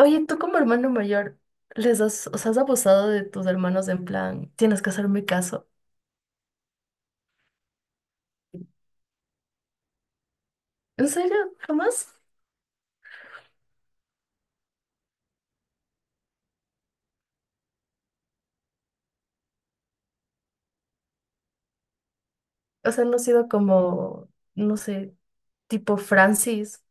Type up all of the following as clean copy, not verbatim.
Oye, tú como hermano mayor, ¿os has abusado de tus hermanos en plan, tienes que hacerme caso? ¿En serio? ¿Jamás? O sea, no ha sido como, no sé, tipo Francis.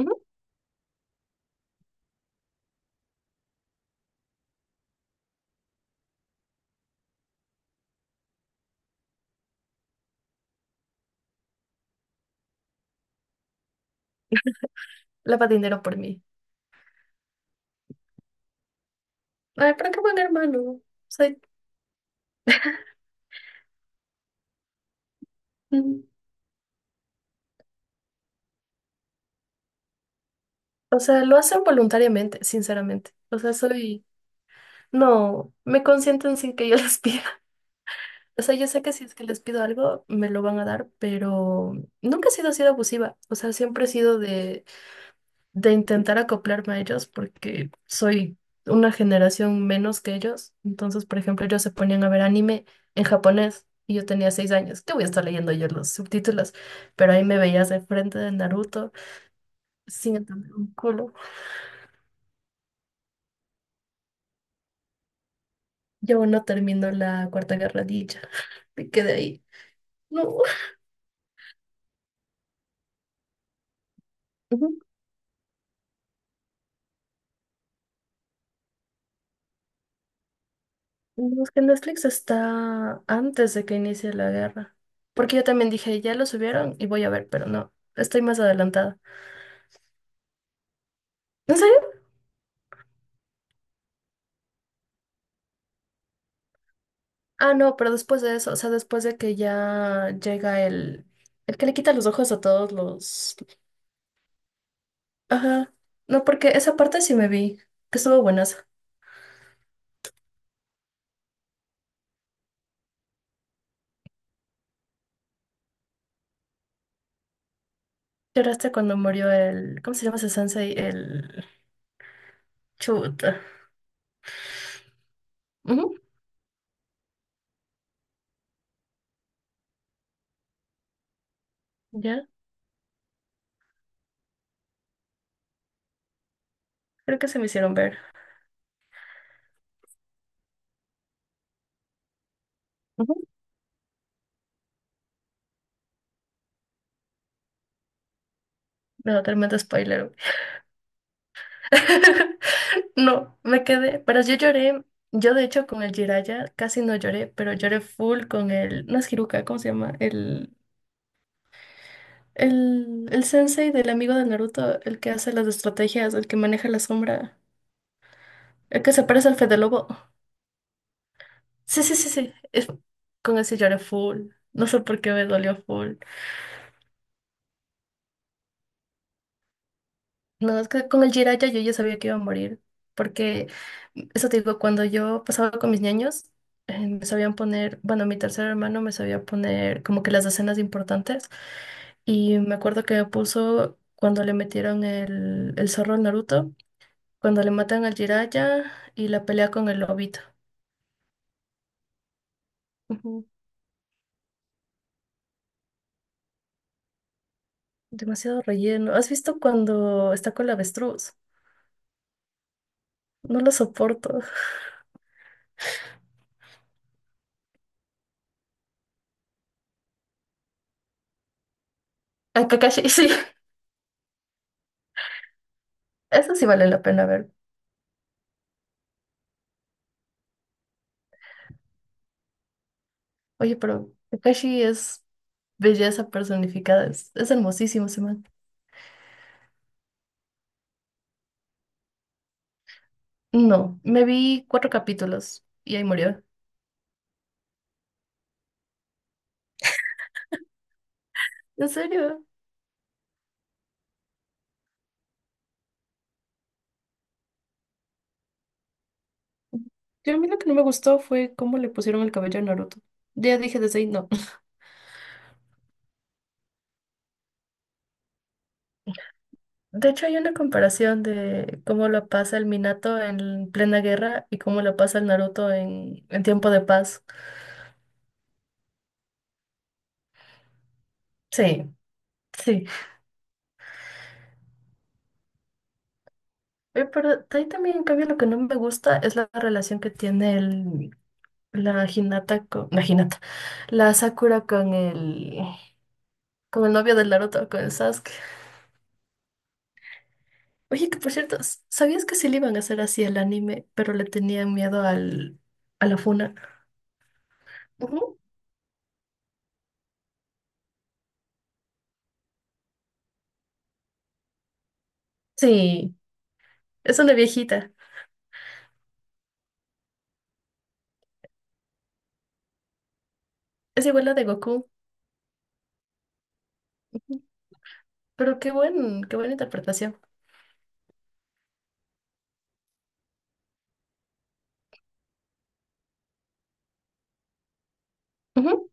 "Ujú, lava dinero por mí. Ay, pero qué buen hermano. Soy, mm, o sea, lo hacen voluntariamente, sinceramente. O sea, no, me consienten sin que yo les pida. O sea, yo sé que si es que les pido algo, me lo van a dar, pero nunca he sido así de abusiva. O sea, siempre he sido de intentar acoplarme a ellos porque soy una generación menos que ellos. Entonces, por ejemplo, ellos se ponían a ver anime en japonés y yo tenía 6 años. ¿Qué voy a estar leyendo yo los subtítulos? Pero ahí me veías de frente de Naruto sin entender un culo. Yo aún no termino la Cuarta Guerra Ninja. Me quedé ahí. No. Ujú. No, es que Netflix está antes de que inicie la guerra. Porque yo también dije, ya lo subieron y voy a ver, pero no, estoy más adelantada. ¿En serio? Ah, no, pero después de eso, o sea, después de que ya llega el que le quita los ojos a todos los... Ajá. No, porque esa parte sí me vi, que estuvo buenaza. Lloraste cuando murió el... ¿Cómo se llama ese sensei? El... Chuta. Ujú. Ya, creo que se me hicieron ver. Ujú. No, tremendo spoiler. No, me quedé, pero yo lloré. Yo, de hecho, con el Jiraiya casi no lloré, pero lloré full con el... No es Hiruka, ¿cómo se llama? El sensei del amigo de Naruto, el que hace las estrategias, el que maneja la sombra, el que se parece al Fede Lobo. Sí, sí, sí, sí. Es, con ese lloré full. No sé por qué me dolió full. No, es que con el Jiraiya yo ya sabía que iba a morir. Porque, eso te digo, cuando yo pasaba con mis niños, me sabían poner, bueno, mi tercer hermano me sabía poner como que las escenas importantes. Y me acuerdo que me puso cuando le metieron el zorro al Naruto. Cuando le matan al Jiraiya y la pelea con el lobito. Ujú. Demasiado relleno. ¿Has visto cuando está con la avestruz? No lo soporto. A Kakashi, sí, eso sí vale la pena ver. Oye, pero Kakashi es belleza personificada, es hermosísimo ese man. No, me vi cuatro capítulos y ahí murió. ¿En serio? Yo a mí lo que no me gustó fue cómo le pusieron el cabello a Naruto. Ya dije desde ahí, no. De hecho, hay una comparación de cómo la pasa el Minato en plena guerra y cómo la pasa el Naruto en tiempo de paz. Sí, sí. Pero de ahí también, en cambio, lo que no me gusta es la relación que tiene el, la Hinata con, la Hinata, la Sakura con el novio del Naruto, con el Sasuke. Oye, que por cierto, ¿sabías que sí le iban a hacer así el anime, pero le tenían miedo a la funa? Ujú. Sí, es una viejita. Es igual la de Goku. Pero qué buen, qué buena interpretación. Ujú.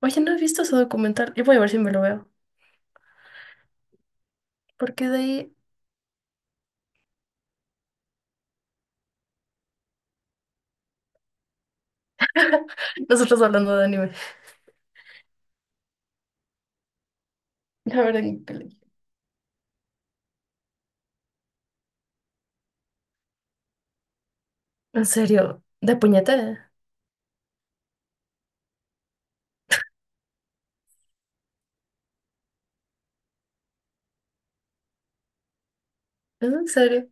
Oye, no he visto ese documental. Yo voy a ver si me lo veo. Porque de ahí, nosotros hablando de anime. A ver, en serio, de puñete. ¿Es en serio?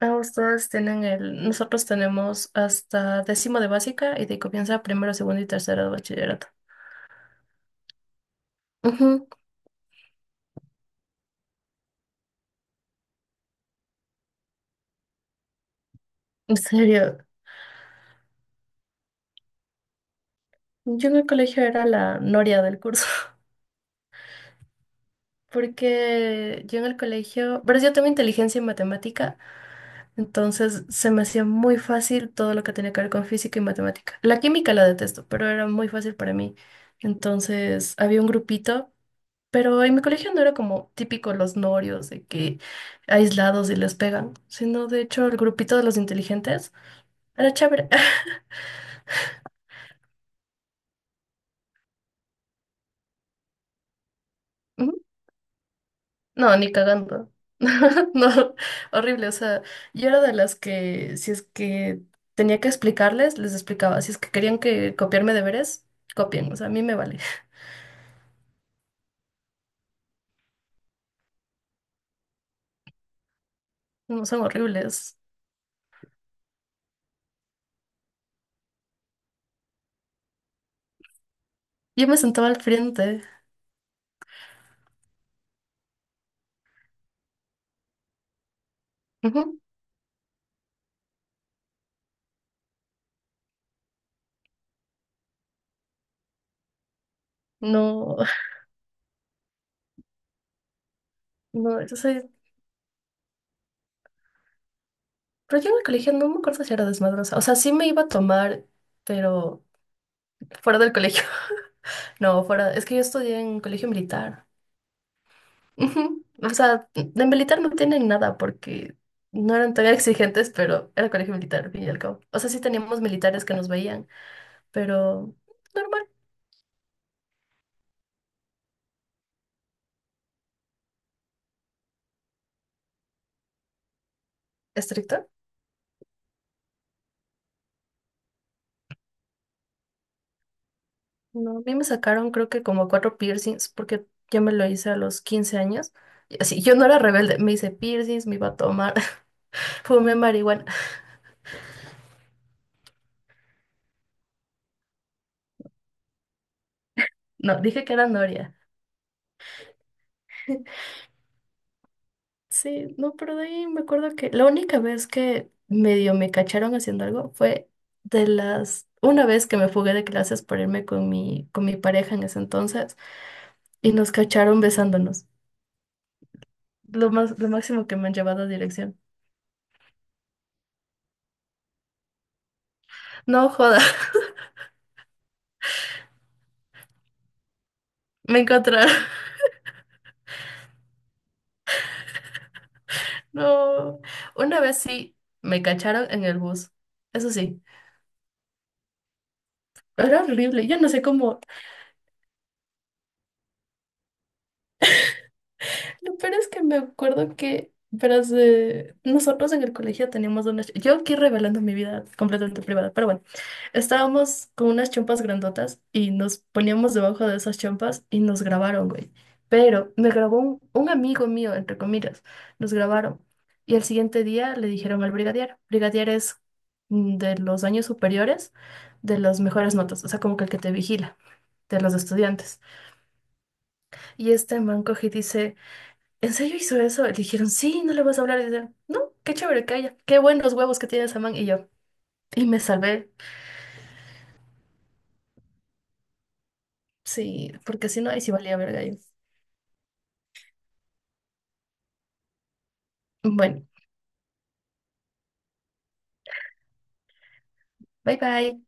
Ah, ustedes tienen el. Nosotros tenemos hasta décimo de básica y de ahí comienza primero, segundo y tercero de bachillerato. Ujú. En serio, yo en el colegio era la noria del curso. Porque yo en el colegio. Pero yo tengo inteligencia en matemática. Entonces se me hacía muy fácil todo lo que tenía que ver con física y matemática. La química la detesto, pero era muy fácil para mí. Entonces había un grupito, pero en mi colegio no era como típico los norios de que aislados y les pegan, sino de hecho el grupito de los inteligentes era chévere. Ujú. No, ni cagando. No, horrible. O sea, yo era de las que, si es que tenía que explicarles, les explicaba. Si es que querían que copiarme deberes, copien. O sea, a mí me vale. No, son horribles. Yo me sentaba al frente. Ujú. No, no, yo sé. Pero yo en el colegio no me acuerdo si era desmadrosa. O sea, sí me iba a tomar, pero fuera del colegio. No, fuera. Es que yo estudié en colegio militar. Ujú. O sea, de militar no tienen nada porque no eran tan exigentes, pero era colegio militar, al fin y al cabo. O sea, sí teníamos militares que nos veían, pero normal. ¿Estricto? No, a mí me sacaron creo que como cuatro piercings porque yo me lo hice a los 15 años. Y así, yo no era rebelde, me hice piercings, me iba a tomar, fumé marihuana. No, dije que era noria. Sí, no, pero de ahí me acuerdo que la única vez que medio me cacharon haciendo algo fue una vez que me fugué de clases por irme con mi pareja en ese entonces y nos cacharon besándonos. Lo máximo que me han llevado a dirección. No joda, me encontraron. No, una vez sí me cacharon en el bus, eso sí, era horrible, yo no sé cómo, lo peor es que me acuerdo que, verás, nosotros en el colegio teníamos una, yo aquí revelando mi vida completamente privada, pero bueno, estábamos con unas chompas grandotas y nos poníamos debajo de esas chompas y nos grabaron, güey. Pero me grabó un amigo mío, entre comillas, nos grabaron. Y al siguiente día le dijeron al brigadier. Brigadier es de los años superiores, de las mejores notas, o sea, como que el que te vigila, de los estudiantes. Y este man coge y dice, ¿en serio hizo eso? Le dijeron, sí, no le vas a hablar. Y dice, no, qué chévere, que haya qué buenos huevos que tiene esa man. Y yo, y me salvé, sí, porque si no, ahí sí valía verga yo. Bueno, bye bye.